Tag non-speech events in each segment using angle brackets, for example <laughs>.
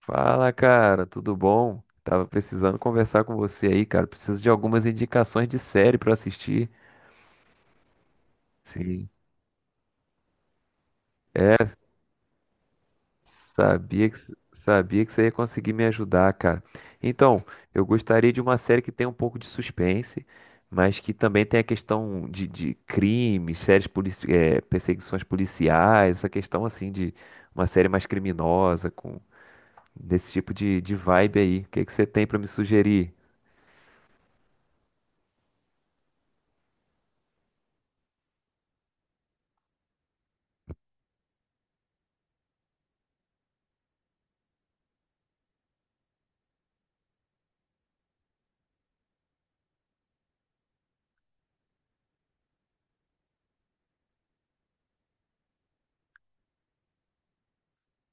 Fala, cara, tudo bom? Tava precisando conversar com você aí, cara. Preciso de algumas indicações de série pra assistir. Sim. É, sabia que sabia que você ia conseguir me ajudar, cara. Então, eu gostaria de uma série que tenha um pouco de suspense, mas que também tenha a questão de crimes, séries perseguições policiais, essa questão assim de uma série mais criminosa com desse tipo de vibe aí. O que que você tem pra me sugerir?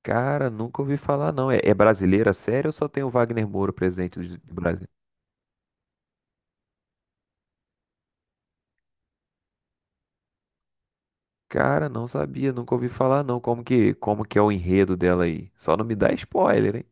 Cara, nunca ouvi falar, não. É brasileira, sério, ou só tem o Wagner Moura presente do Brasil? Cara, não sabia, nunca ouvi falar, não. Como que é o enredo dela aí? Só não me dá spoiler, hein?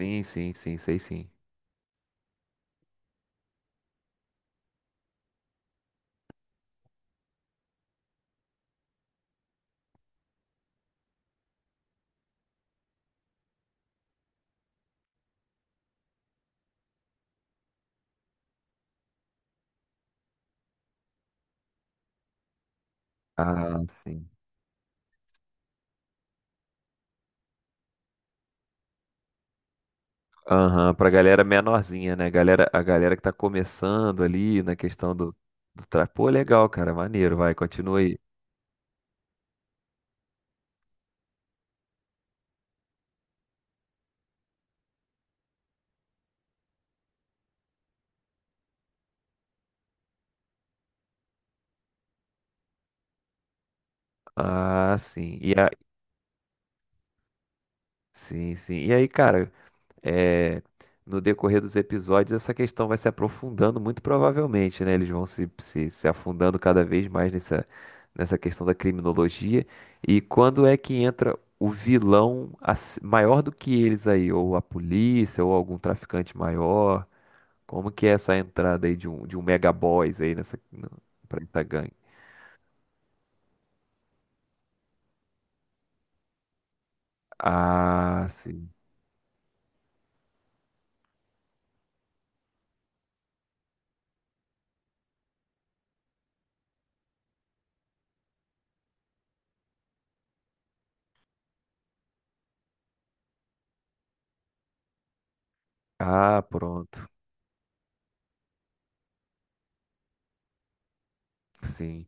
Sim, sim, sim, sei sim. Ah, sim. Aham, pra galera menorzinha, né? A galera que tá começando ali na questão do. Pô, legal, cara, maneiro, vai, continua aí. Ah, sim. Sim, sim. E aí, cara, é, no decorrer dos episódios, essa questão vai se aprofundando muito provavelmente, né? Eles vão se afundando cada vez mais nessa questão da criminologia. E quando é que entra o vilão maior do que eles aí? Ou a polícia, ou algum traficante maior? Como que é essa entrada aí de um mega boss aí nessa, pra essa gangue? Ah, sim. Ah, pronto. Sim.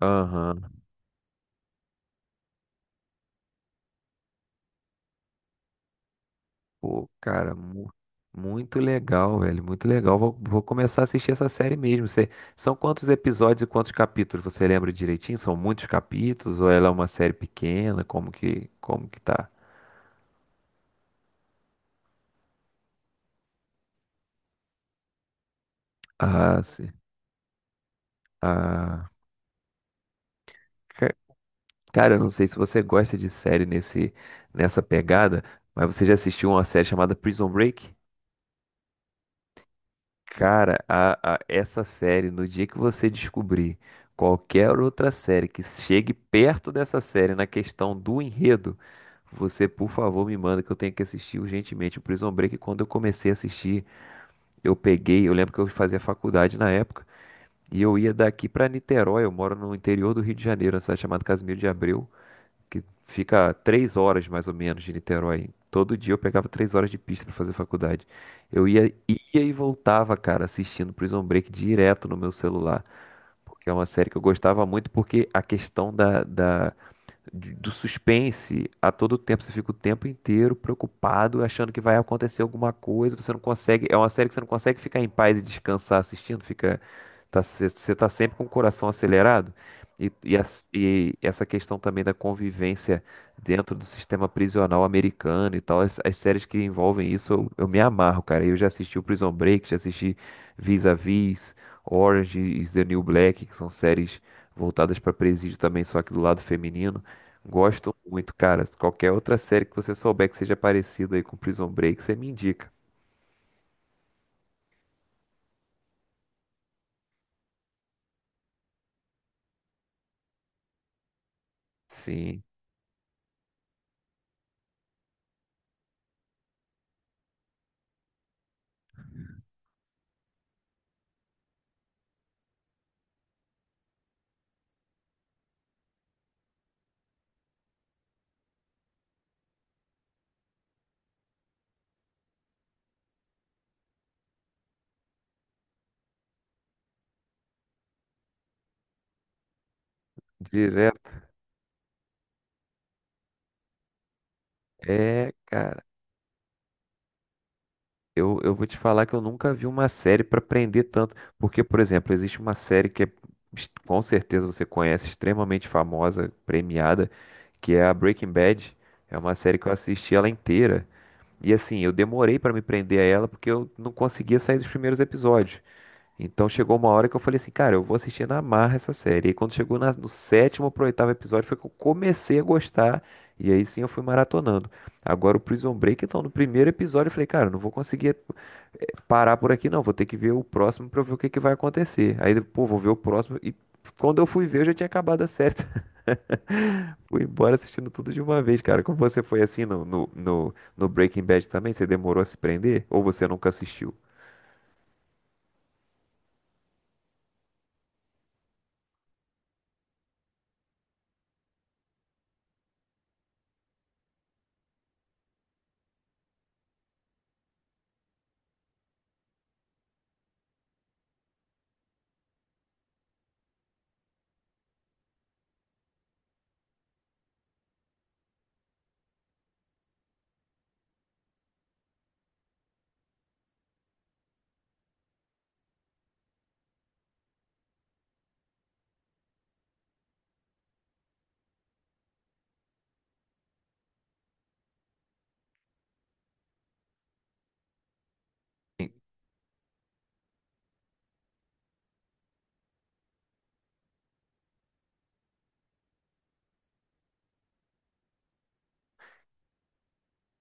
Aham. Pô, cara, muito legal, velho. Muito legal. Vou começar a assistir essa série mesmo. São quantos episódios e quantos capítulos? Você lembra direitinho? São muitos capítulos? Ou ela é uma série pequena? Como que tá? Ah, sim. Ah, ca- cara, eu não sei se você gosta de série nessa pegada, mas você já assistiu uma série chamada Prison Break? Cara, essa série, no dia que você descobrir qualquer outra série que chegue perto dessa série na questão do enredo, você, por favor, me manda que eu tenho que assistir urgentemente. O Prison Break, quando eu comecei a assistir, eu peguei, eu lembro que eu fazia faculdade na época, e eu ia daqui pra Niterói, eu moro no interior do Rio de Janeiro, na cidade chamada Casimiro de Abreu que fica 3 horas mais ou menos de Niterói. Todo dia eu pegava 3 horas de pista pra fazer faculdade. Eu ia, ia e voltava, cara, assistindo Prison Break direto no meu celular. Porque é uma série que eu gostava muito, porque a questão do suspense a todo tempo. Você fica o tempo inteiro preocupado, achando que vai acontecer alguma coisa. Você não consegue. É uma série que você não consegue ficar em paz e descansar assistindo. Fica, tá, você tá sempre com o coração acelerado. E essa questão também da convivência dentro do sistema prisional americano e tal, as séries que envolvem isso, eu me amarro, cara. Eu já assisti o Prison Break, já assisti Vis-a-Vis, Orange is the New Black, que são séries voltadas para presídio também, só que do lado feminino. Gosto muito, cara. Qualquer outra série que você souber que seja parecida aí com Prison Break, você me indica. Sim, direto. É, cara. Eu vou te falar que eu nunca vi uma série pra prender tanto. Porque, por exemplo, existe uma série que é, com certeza você conhece, extremamente famosa, premiada, que é a Breaking Bad. É uma série que eu assisti ela inteira. E assim, eu demorei pra me prender a ela porque eu não conseguia sair dos primeiros episódios. Então chegou uma hora que eu falei assim, cara, eu vou assistir na marra essa série. E quando chegou no sétimo pro oitavo episódio foi que eu comecei a gostar. E aí sim eu fui maratonando. Agora o Prison Break, então, no primeiro episódio eu falei, cara, não vou conseguir parar por aqui não. Vou ter que ver o próximo pra eu ver o que que vai acontecer. Aí, pô, vou ver o próximo. E quando eu fui ver, eu já tinha acabado a série. <laughs> Fui embora assistindo tudo de uma vez, cara. Como você foi assim no Breaking Bad também? Você demorou a se prender? Ou você nunca assistiu?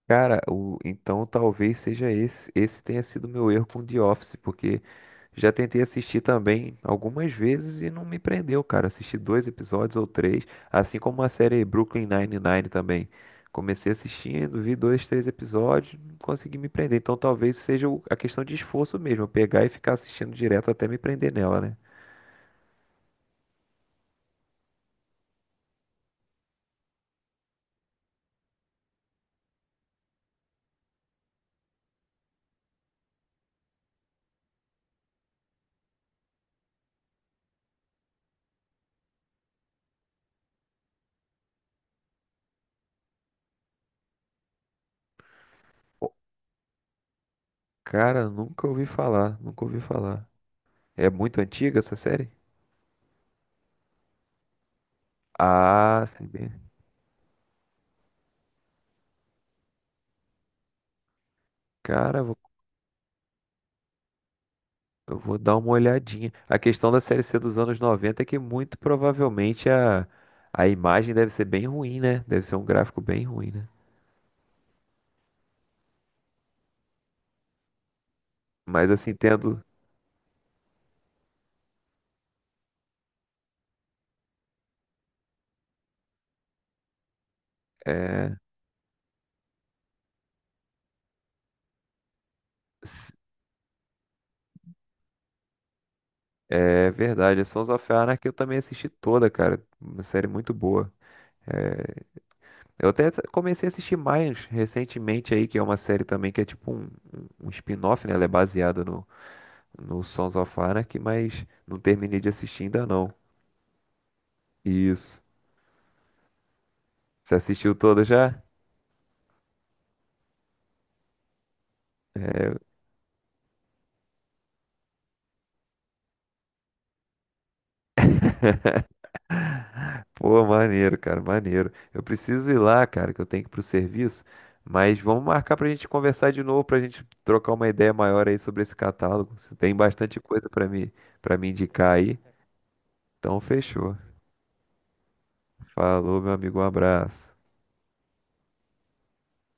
Cara, então talvez seja esse. Esse tenha sido meu erro com The Office, porque já tentei assistir também algumas vezes e não me prendeu, cara. Assisti dois episódios ou três, assim como a série Brooklyn Nine-Nine também. Comecei assistindo, vi dois, três episódios, não consegui me prender. Então talvez seja a questão de esforço mesmo, eu pegar e ficar assistindo direto até me prender nela, né? Cara, nunca ouvi falar, nunca ouvi falar. É muito antiga essa série? Ah, sim. Bem. Cara, vou Eu vou dar uma olhadinha. A questão da Série C dos anos 90 é que muito provavelmente a imagem deve ser bem ruim, né? Deve ser um gráfico bem ruim, né? Mas assim, tendo. É, s- é verdade. A Sons of Anarchy eu também assisti toda, cara. Uma série muito boa. É, eu até comecei a assistir mais recentemente aí, que é uma série também que é tipo um spin-off, né? Ela é baseada no Sons of Anarchy, mas não terminei de assistir ainda não. Isso. Você assistiu toda já? É, <laughs> Pô, maneiro, cara, maneiro. Eu preciso ir lá, cara, que eu tenho que ir pro serviço, mas vamos marcar pra gente conversar de novo, pra gente trocar uma ideia maior aí sobre esse catálogo. Você tem bastante coisa para me indicar aí. Então, fechou. Falou, meu amigo, um abraço.